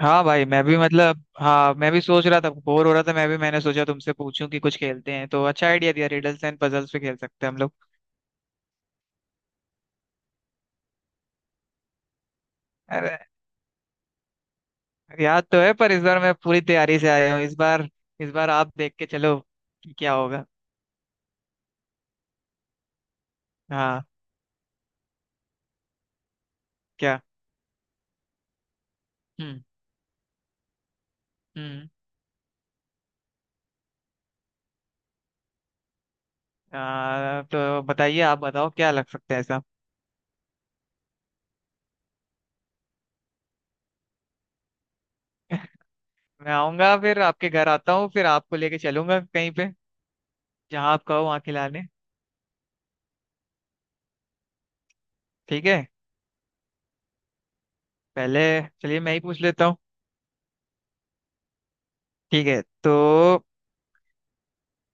हाँ भाई, मैं भी मतलब हाँ मैं भी सोच रहा था, बोर हो रहा था मैं भी। मैंने सोचा तुमसे पूछूं कि कुछ खेलते हैं, तो अच्छा आइडिया दिया, रिडल्स एंड पजल्स पे खेल सकते हैं हम लोग। अरे, याद तो है पर इस बार मैं पूरी तैयारी से आया हूँ। इस बार आप देख के चलो कि क्या होगा। हाँ। क्या? हम्म। हम्म। तो बताइए, आप बताओ क्या लग सकता है ऐसा। मैं आऊंगा, फिर आपके घर आता हूँ, फिर आपको लेके चलूंगा कहीं पे, जहाँ आप कहो वहाँ खिलाने। ठीक है। पहले, चलिए मैं ही पूछ लेता हूँ। ठीक है तो।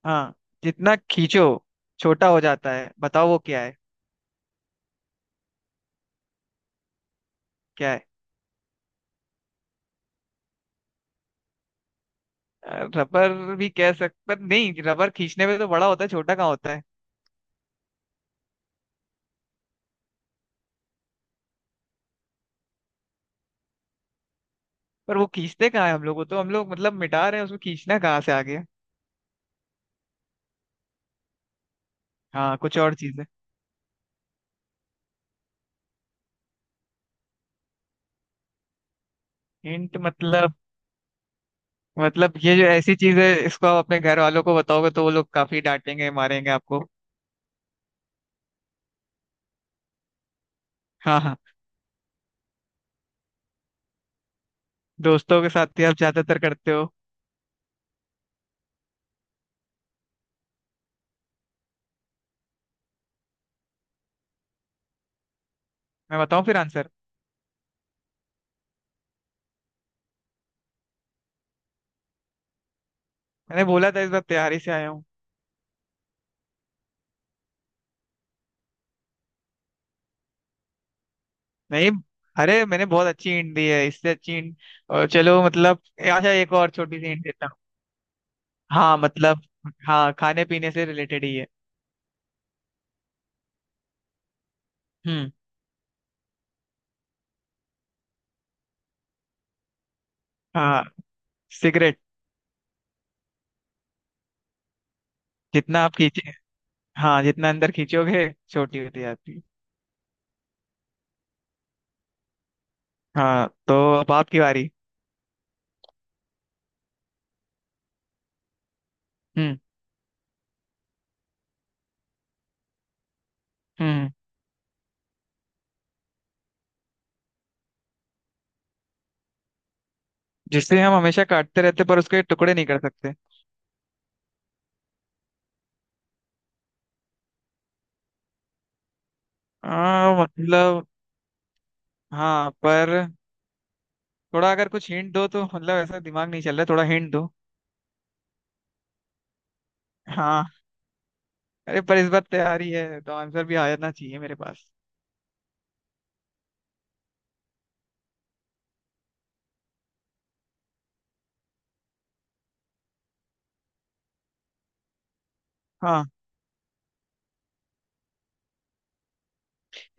हाँ, जितना खींचो छोटा हो जाता है, बताओ वो क्या है। क्या है? रबर भी कह सकते पर नहीं, रबर खींचने में तो बड़ा होता है, छोटा कहाँ होता है। पर वो खींचते कहाँ है हम लोगों, तो हम लोग मतलब मिटा रहे हैं, उसमें खींचना कहाँ से आ गया। हाँ, कुछ और चीज है। हिंट मतलब? मतलब ये जो ऐसी चीज है, इसको आप अपने घर वालों को बताओगे तो वो लोग काफी डांटेंगे, मारेंगे आपको। हाँ, हाँ। दोस्तों के साथ ही आप ज्यादातर करते हो। मैं बताऊं फिर आंसर? मैंने बोला था इस बार तैयारी से आया हूँ। नहीं। अरे मैंने बहुत अच्छी हिंट दी है, इससे अच्छी हिंट। और चलो मतलब अच्छा, एक और छोटी सी हिंट देता हूँ। हाँ मतलब। हाँ, खाने पीने से रिलेटेड ही है। हम्म। हाँ, सिगरेट। जितना आप खींचे, हाँ जितना अंदर खींचोगे छोटी होती जाती है। हाँ तो, अब आपकी बारी। हम्म। हम्म। जिसे हम हमेशा काटते रहते पर उसके टुकड़े नहीं कर सकते। मतलब हाँ पर, थोड़ा अगर कुछ हिंट दो, तो मतलब ऐसा दिमाग नहीं चल रहा, थोड़ा हिंट दो। हाँ। अरे पर इस बार तैयारी है तो आंसर भी आ जाना चाहिए मेरे पास। हाँ।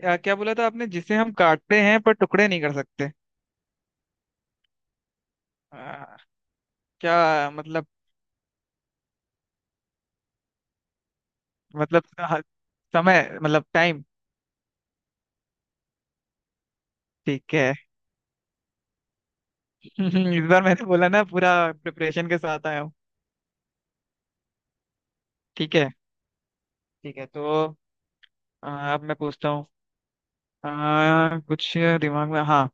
या क्या बोला था आपने, जिसे हम काटते हैं पर टुकड़े नहीं कर सकते। आ, क्या मतलब? मतलब हाँ, समय मतलब टाइम। ठीक है। इस बार मैंने बोला ना, पूरा प्रिपरेशन के साथ आया हूँ। ठीक है। ठीक है तो। अब मैं पूछता हूँ। कुछ दिमाग में, हाँ।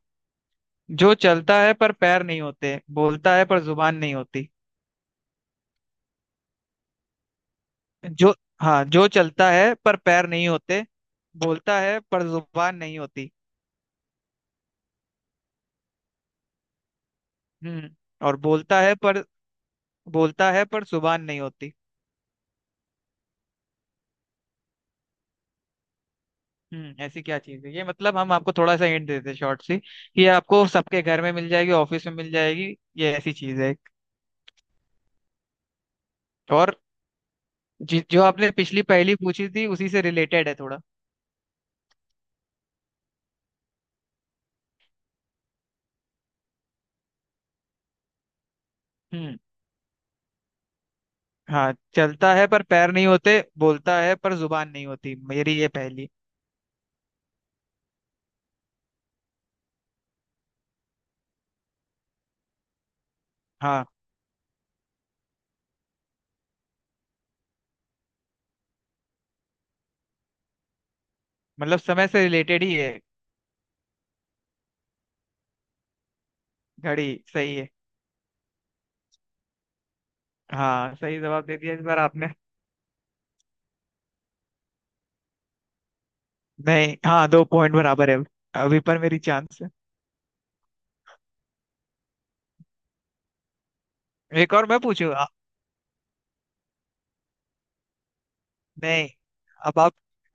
जो चलता है पर पैर नहीं होते, बोलता है पर जुबान नहीं होती। जो, हाँ, जो चलता है पर पैर नहीं होते, बोलता है पर जुबान नहीं होती। हम्म। और बोलता है पर, बोलता है पर जुबान नहीं होती। हम्म। ऐसी क्या चीज है ये? मतलब हम आपको थोड़ा सा हिंट देते हैं शॉर्ट सी, कि ये आपको सबके घर में मिल जाएगी, ऑफिस में मिल जाएगी। ये ऐसी चीज है एक। और जो आपने पिछली पहेली पूछी थी उसी से रिलेटेड है थोड़ा। हम्म। हाँ, चलता है पर पैर नहीं होते, बोलता है पर जुबान नहीं होती, मेरी ये पहेली। हाँ, मतलब समय से रिलेटेड ही है। घड़ी। सही है। हाँ, सही जवाब दे दिया इस बार आपने। नहीं, हाँ, दो पॉइंट बराबर है अभी, पर मेरी चांस है। एक और मैं पूछूं। नहीं, अब आप,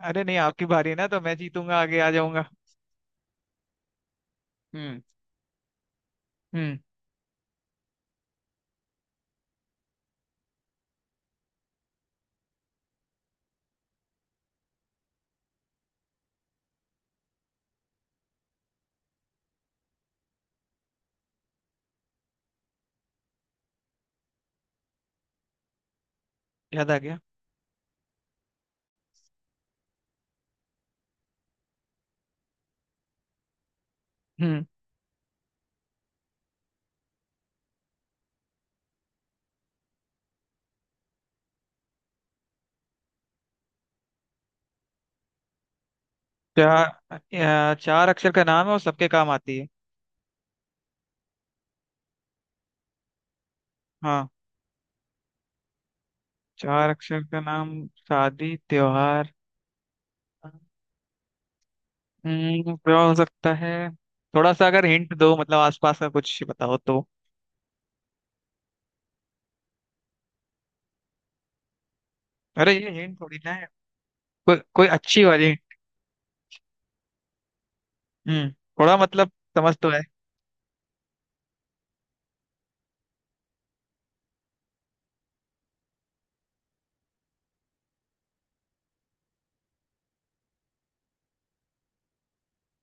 अरे नहीं आपकी बारी है ना, तो मैं जीतूंगा, आगे आ जाऊंगा। हम्म। हम्म। याद आ गया। हम्म। चार, चार अक्षर का नाम है और सबके काम आती है। हाँ, चार अक्षर का नाम, शादी, त्योहार। हम्म, क्या हो सकता है? थोड़ा सा अगर हिंट दो, मतलब आसपास का कुछ बताओ तो। अरे ये हिंट थोड़ी ना है, कोई कोई अच्छी वाली। हम्म, थोड़ा मतलब, समझ तो है।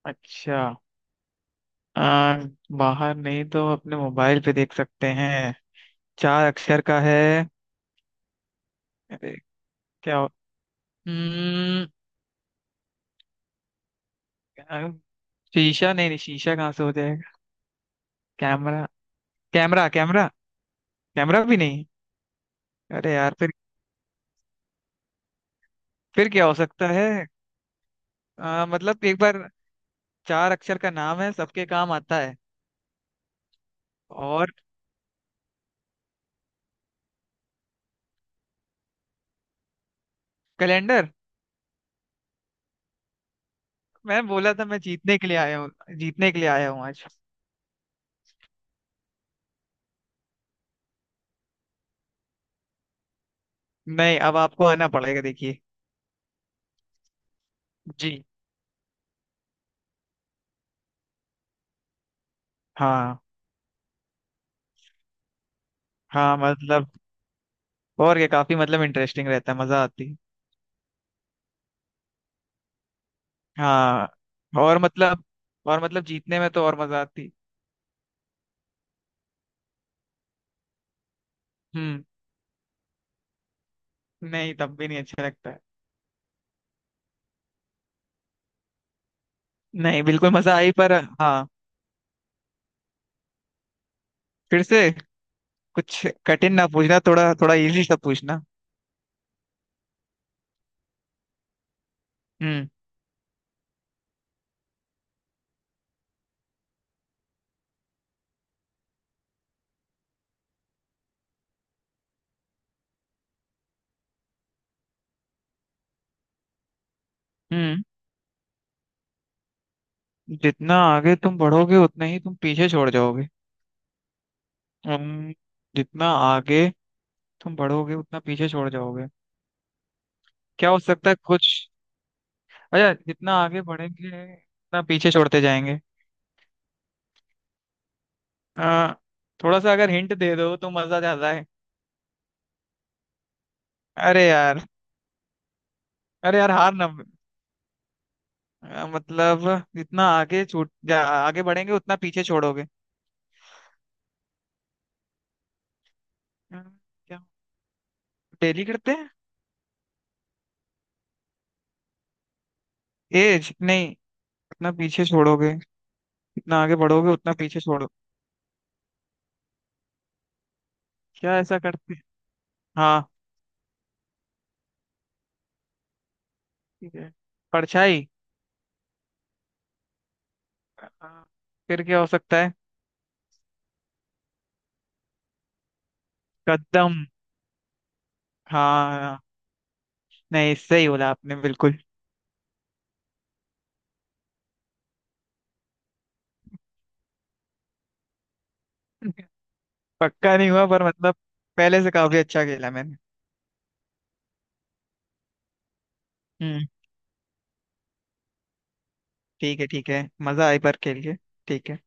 अच्छा। आ, बाहर नहीं तो अपने मोबाइल पे देख सकते हैं। चार अक्षर का है। अरे, क्या हो- हम्म, अ, शीशा, नहीं नहीं, शीशा कहाँ से हो जाएगा। Camera, camera. कैमरा, कैमरा भी नहीं। अरे यार फिर क्या हो सकता है? मतलब एक बार, चार अक्षर का नाम है, सबके काम आता है और, कैलेंडर। मैं बोला था मैं जीतने के लिए आया हूँ, जीतने के लिए आया हूँ आज। नहीं, अब आपको आना पड़ेगा देखिए। जी। हाँ। हाँ मतलब, और क्या, काफी मतलब इंटरेस्टिंग रहता है, मजा आती है। हाँ, और मतलब, और मतलब जीतने में तो और मजा आती। हम्म। नहीं, तब भी नहीं अच्छा लगता है। नहीं, बिल्कुल मजा आई पर। हाँ, फिर से। कुछ कठिन ना पूछना, थोड़ा थोड़ा इजी सा पूछना। हम्म। हम्म। जितना आगे तुम बढ़ोगे उतना ही तुम पीछे छोड़ जाओगे। हम्म, जितना आगे तुम बढ़ोगे उतना पीछे छोड़ जाओगे, क्या हो सकता है कुछ। अच्छा, जितना आगे बढ़ेंगे उतना पीछे छोड़ते जाएंगे। आ, थोड़ा सा अगर हिंट दे दो तो मजा ज्यादा है। अरे यार। अरे यार, हार ना। मतलब जितना आगे आगे बढ़ेंगे उतना पीछे छोड़ोगे। अ, क्या? डेली करते हैं? एज नहीं। उतना पीछे छोड़ोगे, जितना आगे बढ़ोगे उतना पीछे छोड़ो। क्या ऐसा करते हैं? हाँ, ठीक है। परछाई। अ, फिर क्या हो सकता है? कदम। हाँ। नहीं, सही बोला आपने बिल्कुल। पक्का नहीं हुआ पर मतलब, पहले से काफी अच्छा खेला मैंने। हम्म। ठीक है, ठीक है। मजा आई पर खेल के। ठीक है।